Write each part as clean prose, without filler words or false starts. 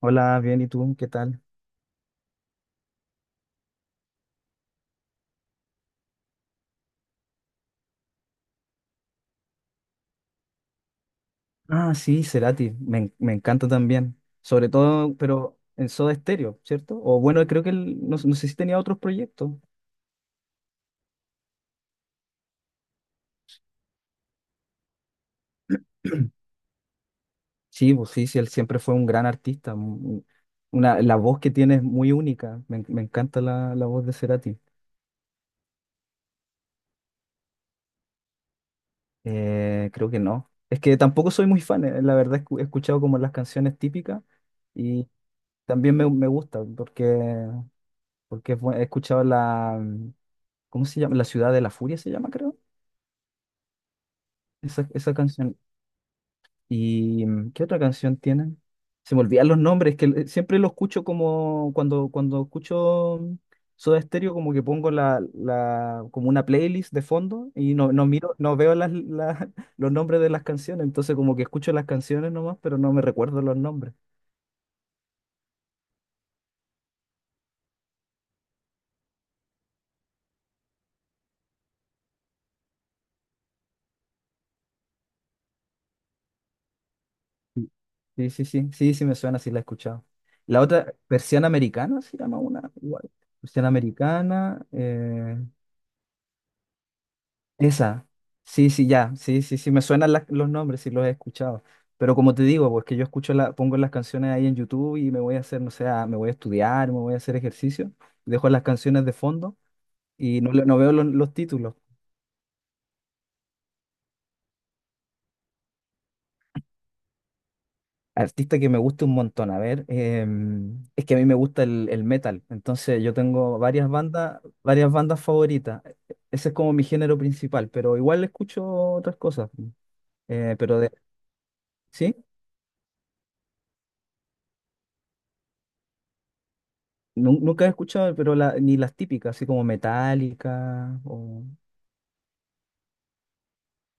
Hola, bien, ¿y tú? ¿Qué tal? Ah, sí, Cerati, me encanta también. Sobre todo, pero en Soda Stereo, ¿cierto? O bueno, creo que él, no, no sé si tenía otros proyectos. Sí, pues sí, sí, él siempre fue un gran artista. Una, la voz que tiene es muy única. Me encanta la voz de Cerati. Creo que no. Es que tampoco soy muy fan, la verdad, he escuchado como las canciones típicas y también me gusta porque, porque he escuchado la, ¿cómo se llama? La Ciudad de la Furia se llama, creo. Esa canción. ¿Y qué otra canción tienen? Se me olvidan los nombres, que siempre lo escucho como cuando, cuando escucho Soda Stereo, como que pongo como una playlist de fondo y no, no miro, no veo los nombres de las canciones, entonces como que escucho las canciones nomás, pero no me recuerdo los nombres. Sí, sí, sí, sí, sí, sí me suena, sí la he escuchado. La otra, Persiana Americana se llama una, igual. Persiana Americana, Esa, sí, sí, ya, sí, sí, sí, me suenan los nombres, sí los he escuchado. Pero como te digo, pues que yo escucho la, pongo las canciones ahí en YouTube y me voy a hacer, no sé, me voy a estudiar, me voy a hacer ejercicio, dejo las canciones de fondo y no, no veo los títulos. Artista que me gusta un montón, a ver, es que a mí me gusta el metal, entonces yo tengo varias bandas favoritas. Ese es como mi género principal, pero igual escucho otras cosas. Eh, pero de, ¿Sí? Nunca he escuchado, pero ni las típicas, así como Metallica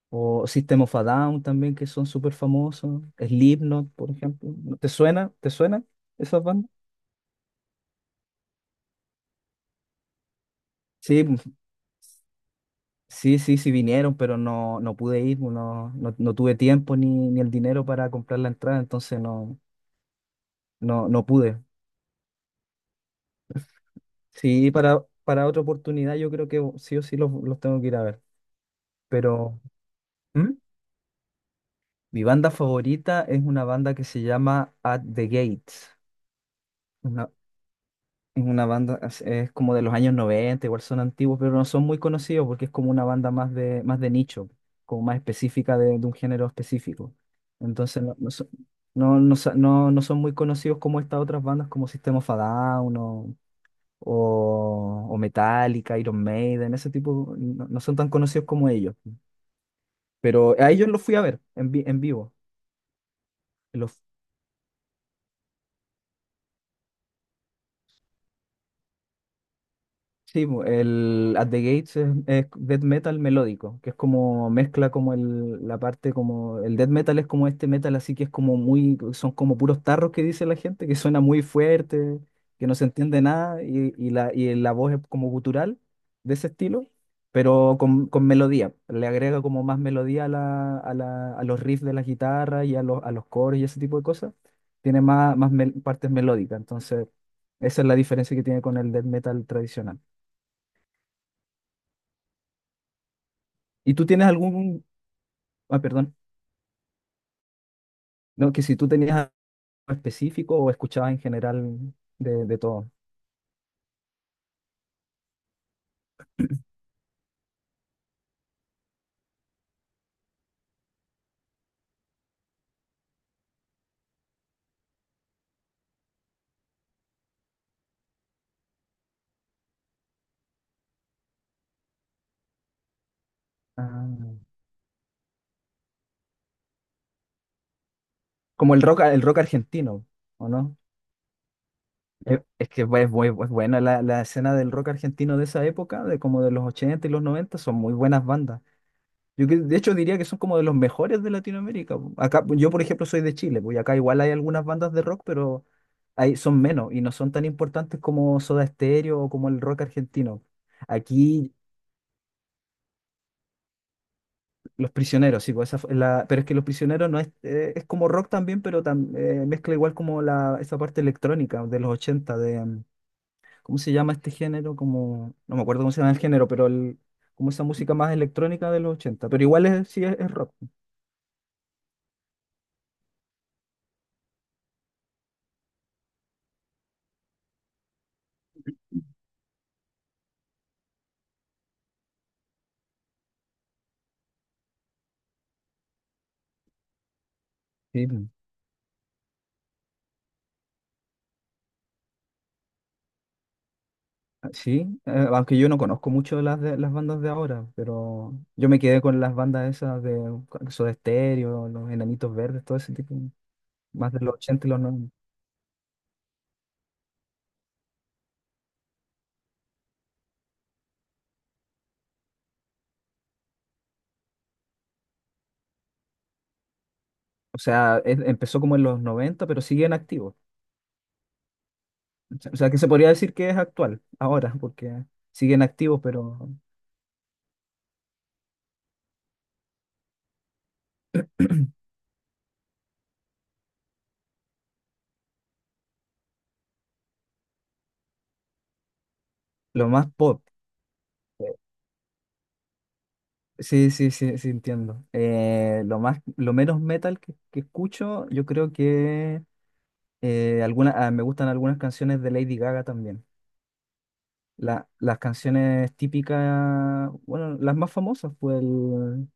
o System of a Down también, que son súper famosos. Slipknot, por ejemplo. ¿Te suena? ¿Te suena esas bandas? Sí, pues, sí, sí, sí vinieron, pero no, no pude ir, no, no, no tuve tiempo ni, ni el dinero para comprar la entrada, entonces no, no, no pude. Sí, para otra oportunidad yo creo que sí o sí los tengo que ir a ver. Pero ¿Mm? Mi banda favorita es una banda que se llama At the Gates. Es una banda, es como de los años 90 igual son antiguos, pero no son muy conocidos porque es como una banda más de nicho, como más específica de un género específico. Entonces no, no, son, no, no son muy conocidos como estas otras bandas como System of a Down o Metallica, Iron Maiden, ese tipo, no, no son tan conocidos como ellos. Pero a ellos los fui a ver en vivo. Sí, po, el At the Gates es death metal melódico, que es como mezcla como el, la parte como el death metal es como este metal así que es como muy, son como puros tarros que dice la gente, que suena muy fuerte, que no se entiende nada y la, y la voz es como gutural de ese estilo, pero con melodía, le agrega como más melodía a los riffs de la guitarra y a a los coros y ese tipo de cosas, tiene más, partes melódicas, entonces esa es la diferencia que tiene con el death metal tradicional. ¿Y tú tienes algún, ah, perdón, no, que si tú tenías algo específico o escuchabas en general de todo? Ah, como el rock argentino, ¿o no? Es que es es buena la escena del rock argentino de esa época, de como de los 80 y los 90 son muy buenas bandas. De hecho diría que son como de los mejores de Latinoamérica. Po. Acá, yo por ejemplo soy de Chile, pues y acá igual hay algunas bandas de rock, pero hay, son menos y no son tan importantes como Soda Stereo o como el rock argentino. Aquí Los prisioneros, sí, pues esa fue la, pero es que los prisioneros no es, es como rock también, pero mezcla igual como la, esa parte electrónica de los 80 de, ¿cómo se llama este género? Como, no me acuerdo cómo se llama el género, pero el, como esa música más electrónica de los 80, pero igual es, sí es rock. Sí, sí, aunque yo no conozco mucho las bandas de ahora, pero yo me quedé con las bandas esas de Soda Stereo, los Enanitos Verdes, todo ese tipo, más de los 80 y los 90, O sea, empezó como en los 90, pero siguen activos. O sea, que se podría decir que es actual, ahora, porque siguen activos, pero lo más pop. eh, Sí, sí, sí, sí, entiendo. Lo más, lo menos metal que escucho, yo creo que me gustan algunas canciones de Lady Gaga también. Las canciones típicas, bueno, las más famosas, pues el,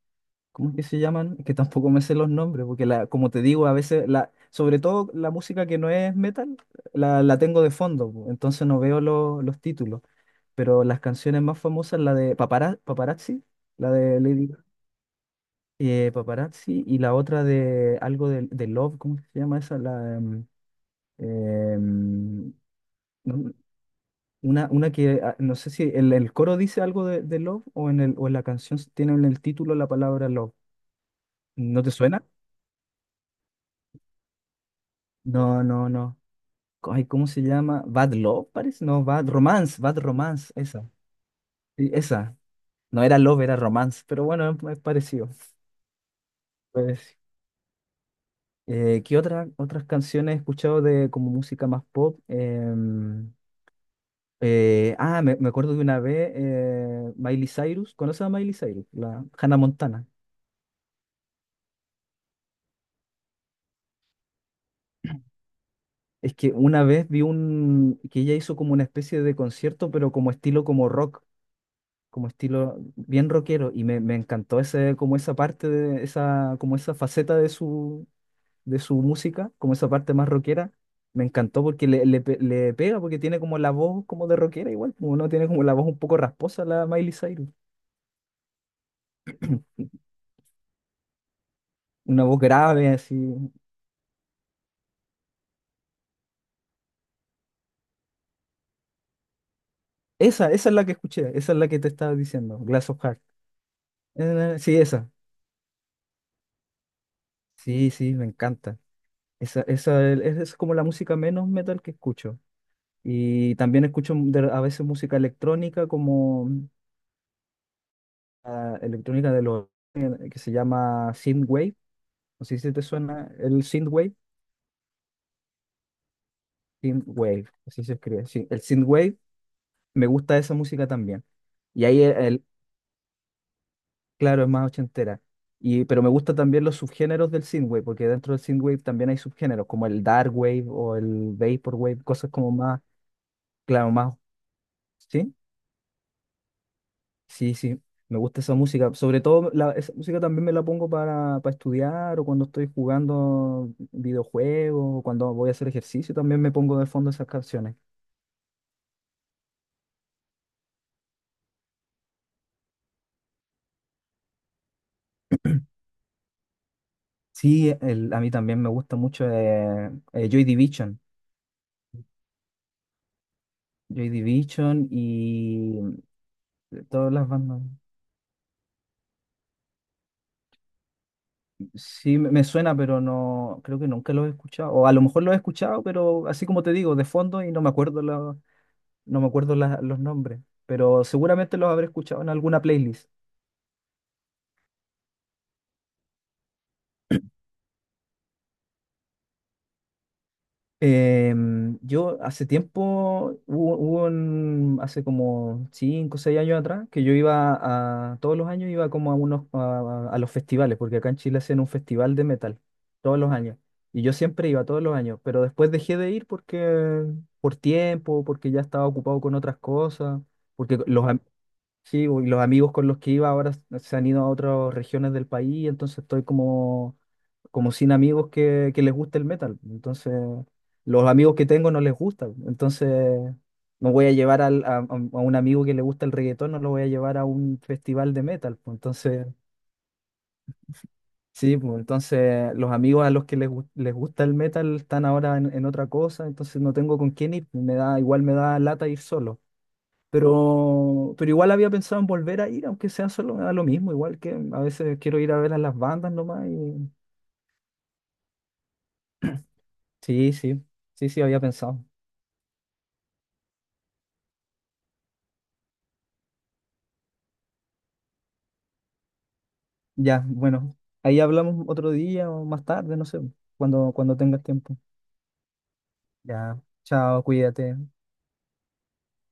¿cómo es que se llaman? Es que tampoco me sé los nombres, porque la, como te digo, a veces, la, sobre todo la música que no es metal, la tengo de fondo, pues, entonces no veo los títulos. Pero las canciones más famosas, la de Paparazzi, la de Lady Gaga, Paparazzi y la otra de algo de Love, ¿cómo se llama esa? La, em, em, no- una que ah, no sé si el coro dice algo de Love o en el, o en la canción tiene en el título la palabra Love. ¿No te suena? No, no, no. Ay, ¿cómo se llama? Bad Love, parece. No, Bad Romance, Bad Romance, esa. Sí, esa. No era Love, era Romance, pero bueno, es parecido. Pues, ¿otras canciones he escuchado de como música más pop? Me acuerdo de una vez Miley Cyrus. ¿Conoces a Miley Cyrus? La Hannah Montana. Es que una vez vi un que ella hizo como una especie de concierto, pero como estilo como rock, como estilo bien rockero, y me encantó ese, como esa parte de esa, como esa faceta de su música, como esa parte más rockera, me encantó porque le pega, porque tiene como la voz como de rockera igual, como no tiene como la voz un poco rasposa la Miley Cyrus, una voz grave así. Esa es la que escuché, esa es la que te estaba diciendo, Glass of Heart. Sí, esa. Sí, sí, me encanta. Esa, es como la música menos metal que escucho. Y también a veces música electrónica como electrónica de los que se llama synthwave. No sé si te suena el synthwave Synthwave, así se escribe. Sí, el Synthwave, me gusta esa música también. Y ahí, claro, es más ochentera. Y, pero me gustan también los subgéneros del Synthwave, porque dentro del Synthwave también hay subgéneros, como el Dark Wave o el Vaporwave, cosas como más, claro, más, ¿sí? Sí, sí, me gusta esa música. Sobre todo, la, esa música también me la pongo para estudiar o cuando estoy jugando videojuegos o cuando voy a hacer ejercicio, también me pongo de fondo esas canciones. Sí, a mí también me gusta mucho Joy Division. Joy Division y todas las bandas. Sí, me suena, pero no, creo que nunca los he escuchado. O a lo mejor los he escuchado, pero así como te digo, de fondo y no me acuerdo, no me acuerdo los nombres. Pero seguramente los habré escuchado en alguna playlist. Yo hace tiempo, hubo hace como 5 o 6 años atrás, que yo iba a, todos los años iba como a unos, a los festivales, porque acá en Chile hacen un festival de metal, todos los años. Y yo siempre iba, todos los años, pero después dejé de ir porque, por tiempo, porque ya estaba ocupado con otras cosas, porque sí, y los amigos con los que iba ahora se han ido a otras regiones del país, entonces estoy como como sin amigos que les guste el metal. Entonces, los amigos que tengo no les gusta. Entonces, no voy a llevar al- a un amigo que le gusta el reggaetón, no lo voy a llevar a un festival de metal. Pues. Entonces, sí, pues, entonces los amigos a los que les gusta el metal están ahora en otra cosa, entonces no tengo con quién ir. Igual me da lata ir solo. Pero igual había pensado en volver a ir, aunque sea solo, me da lo mismo, igual que a veces quiero ir a ver a las bandas nomás y sí, sí, sí, sí, había pensado. Ya, bueno, ahí hablamos otro día o más tarde, no sé, cuando, cuando tengas tiempo. Ya, chao, cuídate.